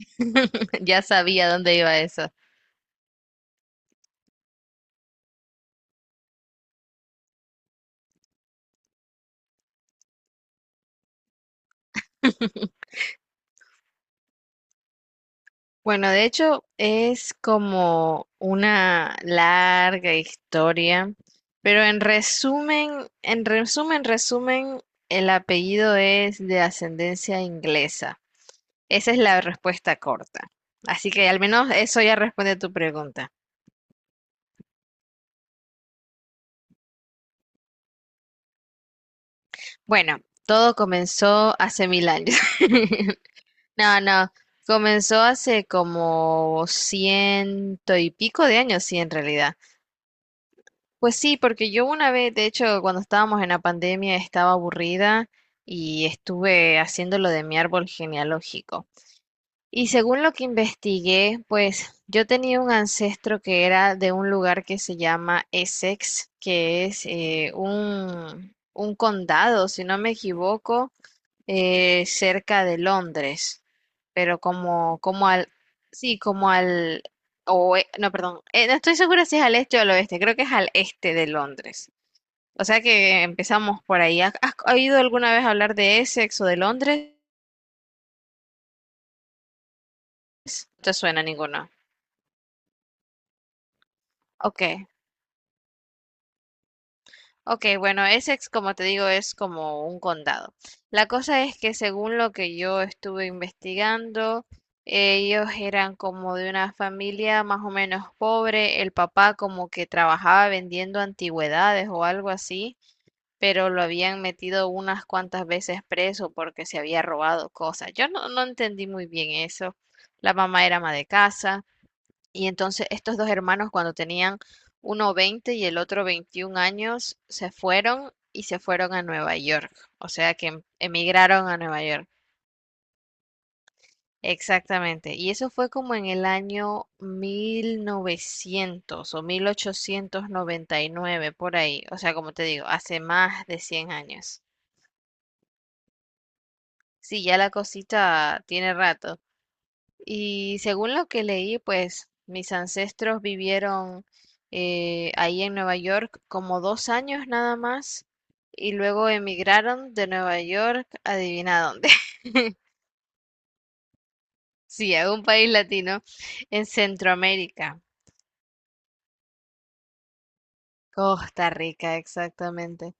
Ya sabía dónde iba eso. Bueno, de hecho es como una larga historia, pero en resumen, el apellido es de ascendencia inglesa. Esa es la respuesta corta. Así que al menos eso ya responde a tu pregunta. Bueno, todo comenzó hace mil años. No, no, comenzó hace como ciento y pico de años, sí, en realidad. Pues sí, porque yo una vez, de hecho, cuando estábamos en la pandemia, estaba aburrida y estuve haciendo lo de mi árbol genealógico. Y según lo que investigué, pues yo tenía un ancestro que era de un lugar que se llama Essex, que es un condado, si no me equivoco, cerca de Londres, pero sí, o, no, perdón, no estoy segura si es al este o al oeste, creo que es al este de Londres. O sea que empezamos por ahí. ¿Has oído alguna vez hablar de Essex o de Londres? No te suena ninguno. Ok. Ok, bueno, Essex, como te digo, es como un condado. La cosa es que según lo que yo estuve investigando, ellos eran como de una familia más o menos pobre. El papá como que trabajaba vendiendo antigüedades o algo así, pero lo habían metido unas cuantas veces preso porque se había robado cosas. Yo no entendí muy bien eso. La mamá era ama de casa. Y entonces estos dos hermanos cuando tenían uno 20 y el otro 21 años se fueron a Nueva York. O sea que emigraron a Nueva York. Exactamente. Y eso fue como en el año 1900 o 1899 por ahí. O sea, como te digo, hace más de 100 años. Sí, ya la cosita tiene rato. Y según lo que leí, pues mis ancestros vivieron ahí en Nueva York como 2 años nada más y luego emigraron de Nueva York, adivina dónde. Sí, a un país latino en Centroamérica. Costa Rica, exactamente.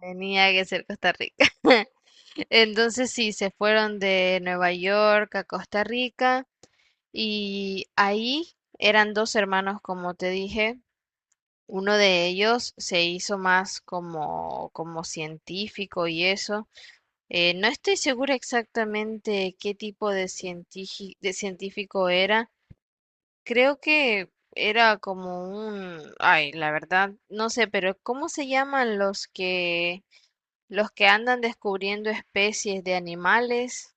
Tenía que ser Costa Rica. Entonces sí, se fueron de Nueva York a Costa Rica y ahí eran dos hermanos, como te dije, uno de ellos se hizo más como científico y eso. No estoy segura exactamente qué tipo de científico era. Creo que era como un... Ay, la verdad, no sé, pero ¿cómo se llaman los que andan descubriendo especies de animales?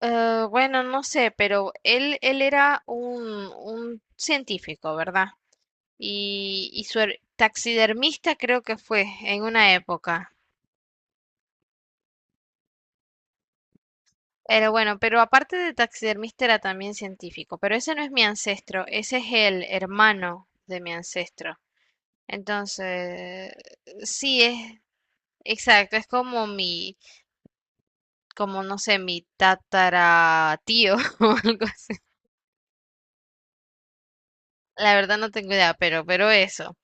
Bueno, no sé, pero él era un científico, ¿verdad? y, su taxidermista creo que fue en una época. Pero bueno, pero aparte de taxidermista era también científico, pero ese no es mi ancestro, ese es el hermano de mi ancestro. Entonces, sí es, exacto, es como mi, como no sé, mi tataratío o algo así. La verdad no tengo idea, pero eso.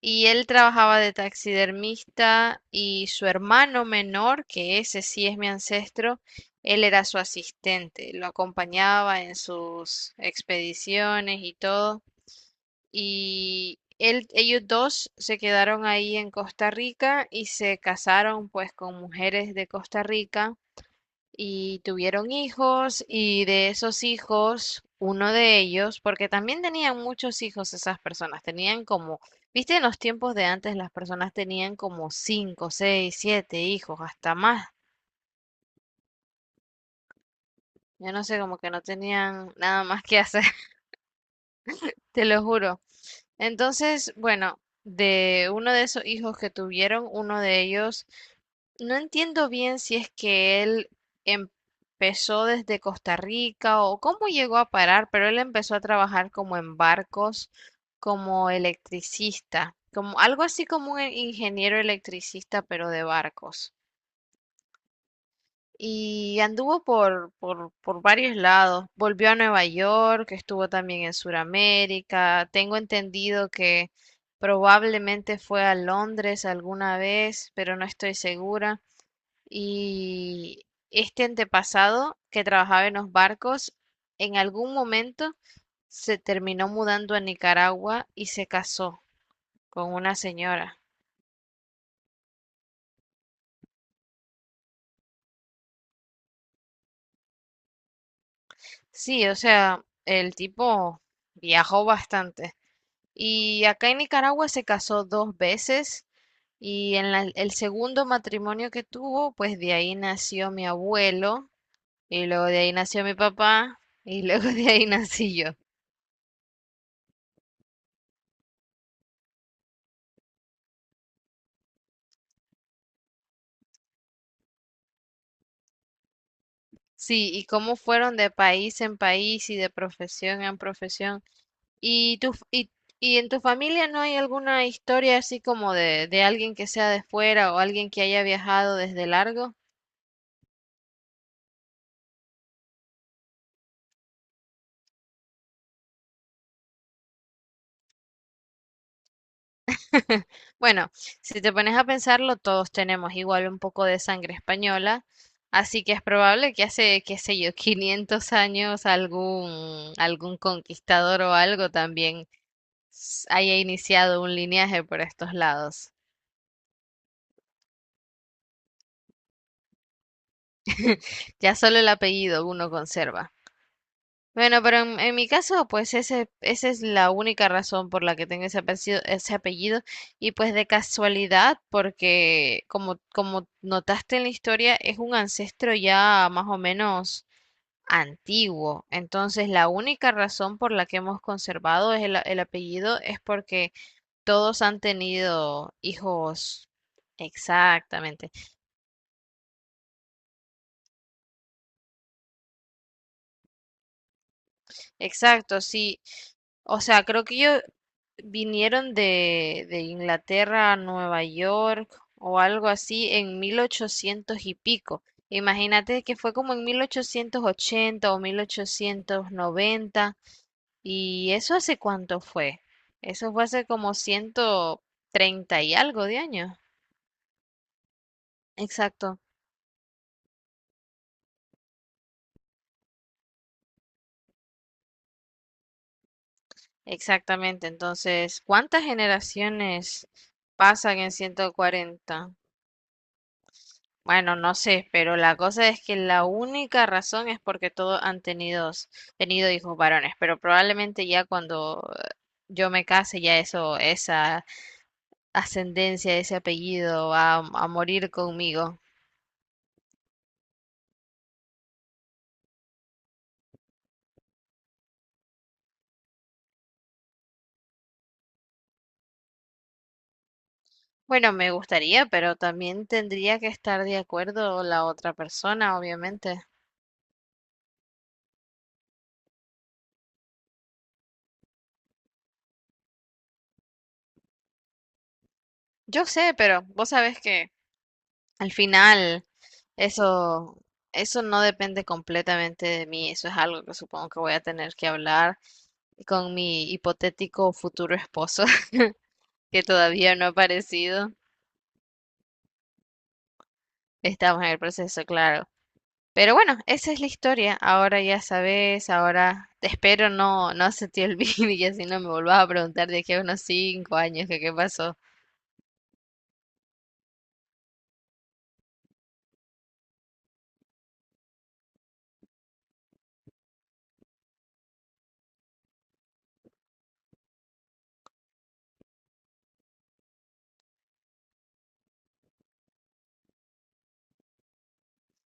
Y él trabajaba de taxidermista y su hermano menor, que ese sí es mi ancestro, él era su asistente, lo acompañaba en sus expediciones y todo. Y ellos dos se quedaron ahí en Costa Rica y se casaron pues con mujeres de Costa Rica y tuvieron hijos y de esos hijos, uno de ellos, porque también tenían muchos hijos esas personas, tenían como, viste, en los tiempos de antes las personas tenían como cinco, seis, siete hijos, hasta más. Yo no sé, como que no tenían nada más que hacer. Te lo juro. Entonces, bueno, de uno de esos hijos que tuvieron, uno de ellos, no entiendo bien si es que él empezó desde Costa Rica o cómo llegó a parar, pero él empezó a trabajar como en barcos, como electricista, como algo así como un ingeniero electricista, pero de barcos. Y anduvo por varios lados. Volvió a Nueva York, estuvo también en Sudamérica. Tengo entendido que probablemente fue a Londres alguna vez, pero no estoy segura. Y este antepasado que trabajaba en los barcos, en algún momento se terminó mudando a Nicaragua y se casó con una señora. Sí, o sea, el tipo viajó bastante. Y acá en Nicaragua se casó dos veces y en el segundo matrimonio que tuvo, pues de ahí nació mi abuelo y luego de ahí nació mi papá y luego de ahí nací yo. Sí, y cómo fueron de país en país y de profesión en profesión. ¿Y tu, y en tu familia no hay alguna historia así como de alguien que sea de fuera o alguien que haya viajado desde largo? Bueno, si te pones a pensarlo, todos tenemos igual un poco de sangre española, así que es probable que hace, qué sé yo, 500 años algún conquistador o algo también haya iniciado un linaje por estos lados. Ya solo el apellido uno conserva. Bueno, pero en mi caso, pues esa es la única razón por la que tengo ese apellido, ese apellido. Y pues de casualidad, porque como notaste en la historia, es un ancestro ya más o menos antiguo. Entonces, la única razón por la que hemos conservado es el apellido es porque todos han tenido hijos. Exactamente. Exacto, sí. O sea, creo que ellos vinieron de Inglaterra a Nueva York o algo así en 1800 y pico. Imagínate que fue como en 1880 o 1890. ¿Y eso hace cuánto fue? Eso fue hace como ciento treinta y algo de años. Exacto, exactamente. Entonces, ¿cuántas generaciones pasan en 140? Bueno, no sé, pero la cosa es que la única razón es porque todos han tenido hijos varones, pero probablemente ya cuando yo me case, ya eso, esa ascendencia, ese apellido va a morir conmigo. Bueno, me gustaría, pero también tendría que estar de acuerdo la otra persona, obviamente. Yo sé, pero vos sabés que al final, eso, eso no depende completamente de mí, eso es algo que supongo que voy a tener que hablar con mi hipotético futuro esposo, que todavía no ha aparecido. Estamos en el proceso, claro. Pero bueno, esa es la historia. Ahora ya sabes, ahora espero no se te olvide y así no me volvas a preguntar de aquí a unos 5 años que qué pasó.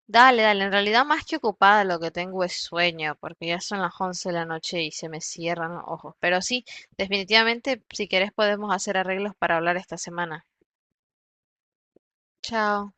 Dale, dale, en realidad más que ocupada lo que tengo es sueño, porque ya son las 11 de la noche y se me cierran los ojos. Pero sí, definitivamente, si querés podemos hacer arreglos para hablar esta semana. Chao.